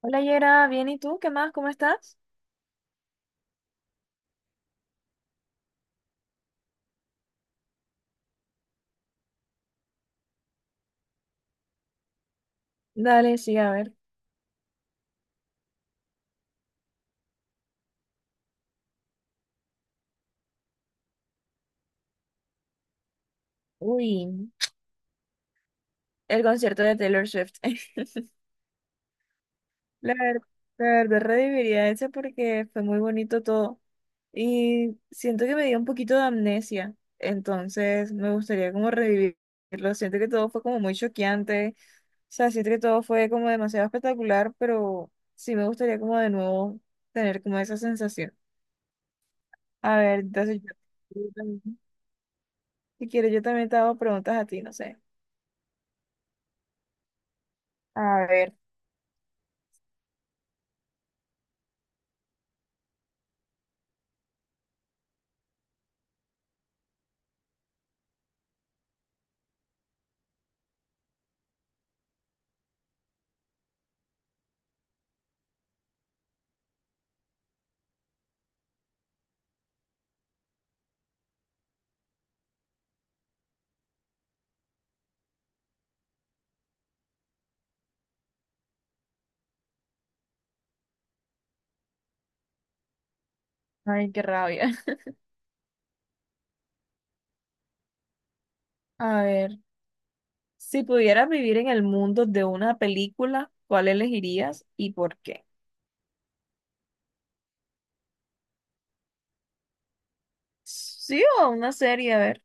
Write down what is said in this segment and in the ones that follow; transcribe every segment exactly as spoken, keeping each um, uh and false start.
Hola Yera, bien, ¿y tú? ¿Qué más? ¿Cómo estás? Dale, sí, a ver. Uy, el concierto de Taylor Swift. La ver- la verdad, reviviría ese porque fue muy bonito todo. Y siento que me dio un poquito de amnesia, entonces me gustaría como revivirlo. Siento que todo fue como muy choqueante, o sea, siento que todo fue como demasiado espectacular, pero sí me gustaría como de nuevo tener como esa sensación. A ver, entonces yo, yo también- si quieres yo también te hago preguntas a ti, no sé. A ver. Ay, qué rabia. A ver, si pudieras vivir en el mundo de una película, ¿cuál elegirías y por qué? Sí, o una serie, a ver.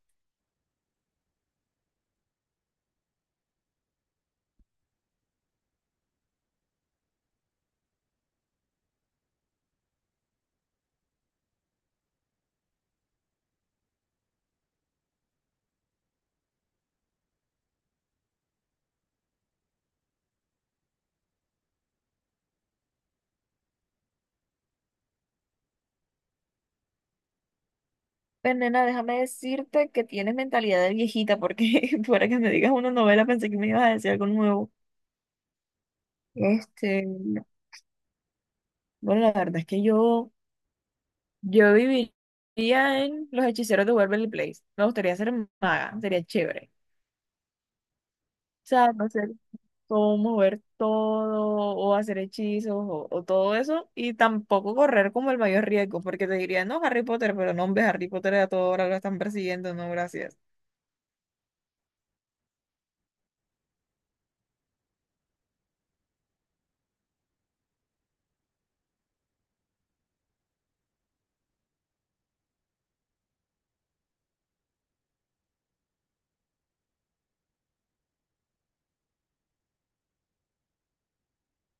Pues, nena, déjame decirte que tienes mentalidad de viejita, porque para que me digas una novela pensé que me ibas a decir algo nuevo. Este, bueno, la verdad es que yo, yo viviría en Los Hechiceros de Waverly Place. Me gustaría ser maga, sería chévere. O sea, no sé, o mover todo, o hacer hechizos, o, o todo eso, y tampoco correr como el mayor riesgo, porque te diría, no, Harry Potter, pero no, hombre, Harry Potter a toda hora lo están persiguiendo, no, gracias.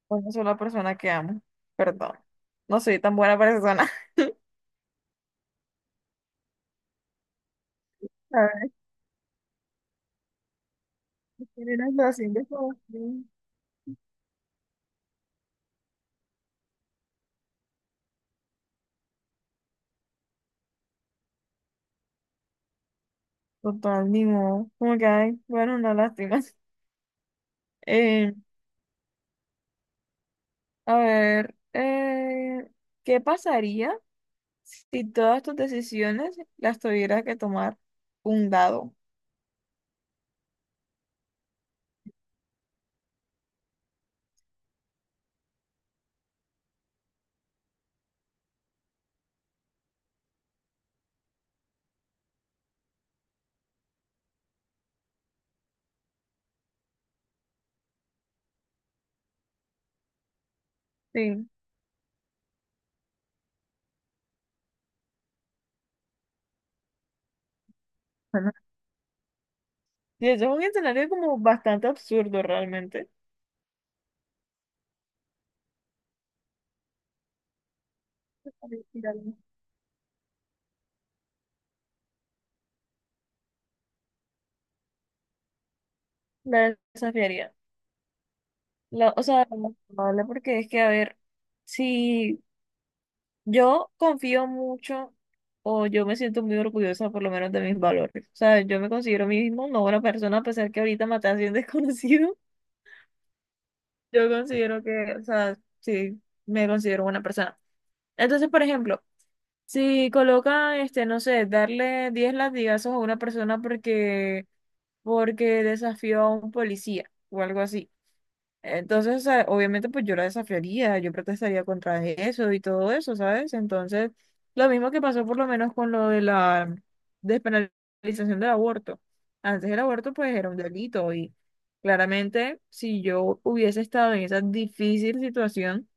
Una sola persona que amo, perdón. No soy tan buena persona. La verdad es que era una relación de confusión. Total, ni modo. Como que, ay, bueno, una lástima. Eh, a ver, eh, ¿qué pasaría si todas tus decisiones las tuviera que tomar un dado? Sí. Y eso es un escenario como bastante absurdo realmente. La desafiaría. La- o sea, lo más probable, porque es que, a ver, si yo confío mucho o yo me siento muy orgullosa por lo menos de mis valores. O sea, yo me considero a mí mismo una buena persona a pesar que ahorita maté a cien desconocidos. Yo considero que, o sea, sí, me considero buena persona. Entonces, por ejemplo, si coloca, este, no sé, darle diez latigazos a una persona porque porque desafió a un policía o algo así. Entonces, o sea, obviamente, pues yo la desafiaría, yo protestaría contra eso y todo eso, ¿sabes? Entonces, lo mismo que pasó por lo menos con lo de la despenalización del aborto. Antes el aborto, pues, era un delito y claramente, si yo hubiese estado en esa difícil situación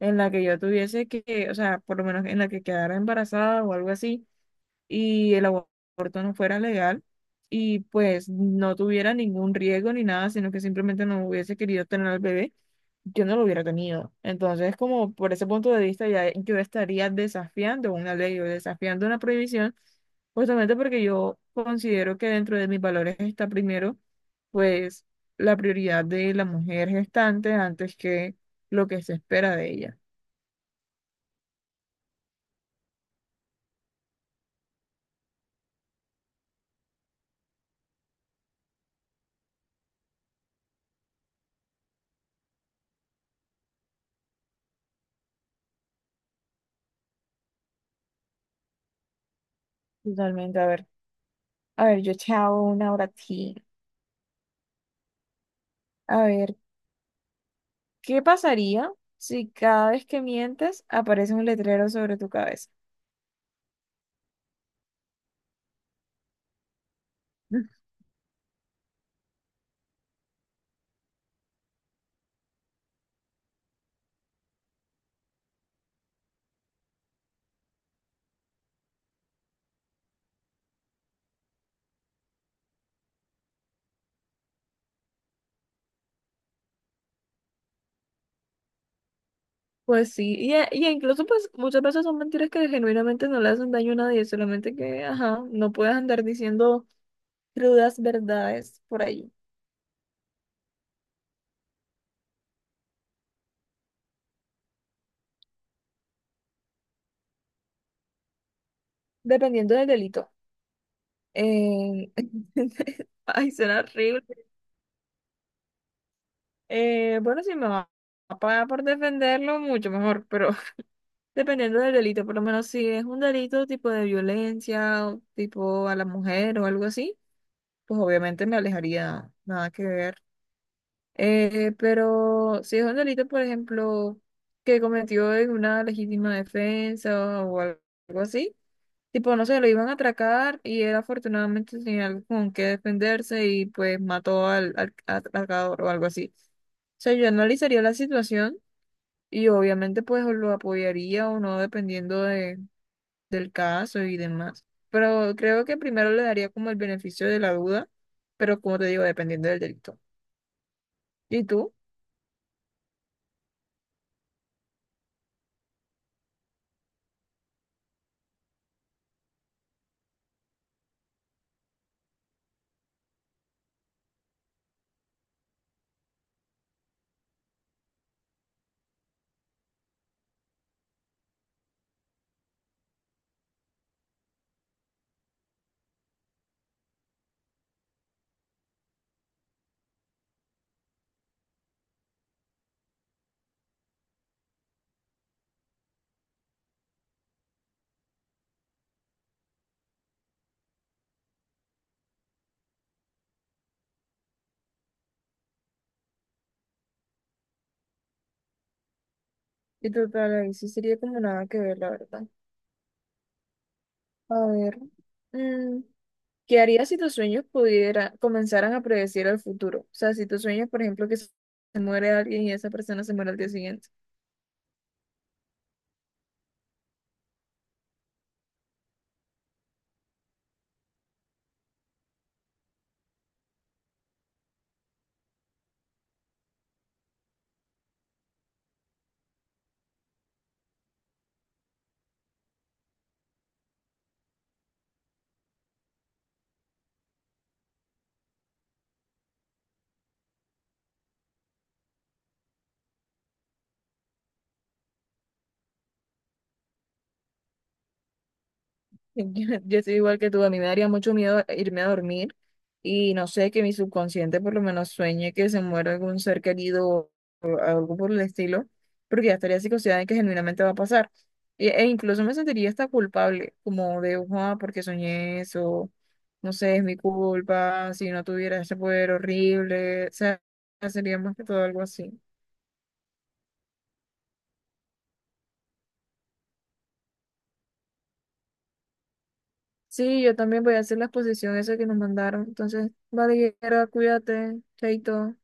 en la que yo tuviese que, o sea, por lo menos en la que quedara embarazada o algo así y el aborto no fuera legal y pues no tuviera ningún riesgo ni nada, sino que simplemente no hubiese querido tener al bebé, yo no lo hubiera tenido. Entonces, como por ese punto de vista, ya yo estaría desafiando una ley o desafiando una prohibición, justamente porque yo considero que dentro de mis valores está primero, pues, la prioridad de la mujer gestante antes que lo que se espera de ella. Totalmente, a ver. A ver, yo te hago una hora a ti. A ver, ¿qué pasaría si cada vez que mientes aparece un letrero sobre tu cabeza? Pues sí, y, e- y incluso pues muchas veces son mentiras que genuinamente no le hacen daño a nadie, solamente que, ajá, no puedes andar diciendo crudas verdades por ahí, dependiendo del delito. Eh, Ay, será horrible. Eh, bueno, si me va a pagar por defenderlo, mucho mejor, pero dependiendo del delito, por lo menos si es un delito tipo de violencia, o tipo a la mujer o algo así. Pues obviamente me alejaría, nada que ver. Eh, pero si es un delito, por ejemplo, que cometió en una legítima defensa o al- algo así, tipo, no sé, lo iban a atracar y él afortunadamente tenía algo con qué defenderse y pues mató al, al atracador o algo así. O sea, yo analizaría la situación y obviamente pues o lo apoyaría o no dependiendo de, del caso y demás. Pero creo que primero le daría como el beneficio de la duda, pero como te digo, dependiendo del delito. ¿Y tú? ¿Y tú para ahí? Sí sería como nada que ver, la verdad. A ver, mm, ¿qué harías si tus sueños pudiera, comenzaran a predecir el futuro? O sea, si tus sueños, por ejemplo, que se se muere alguien y esa persona se muere al día siguiente. Yo, yo soy igual que tú, a mí me daría mucho miedo irme a dormir y no sé, que mi subconsciente por lo menos sueñe que se muera algún ser querido o algo por el estilo, porque ya estaría psicoseada en que genuinamente va a pasar. E, e incluso me sentiría hasta culpable, como de, ah, porque soñé eso, no sé, es mi culpa, si no tuviera ese poder horrible, o sea, sería más que todo algo así. Sí, yo también voy a hacer la exposición esa que nos mandaron, entonces, vale, Yera, cuídate, chaito.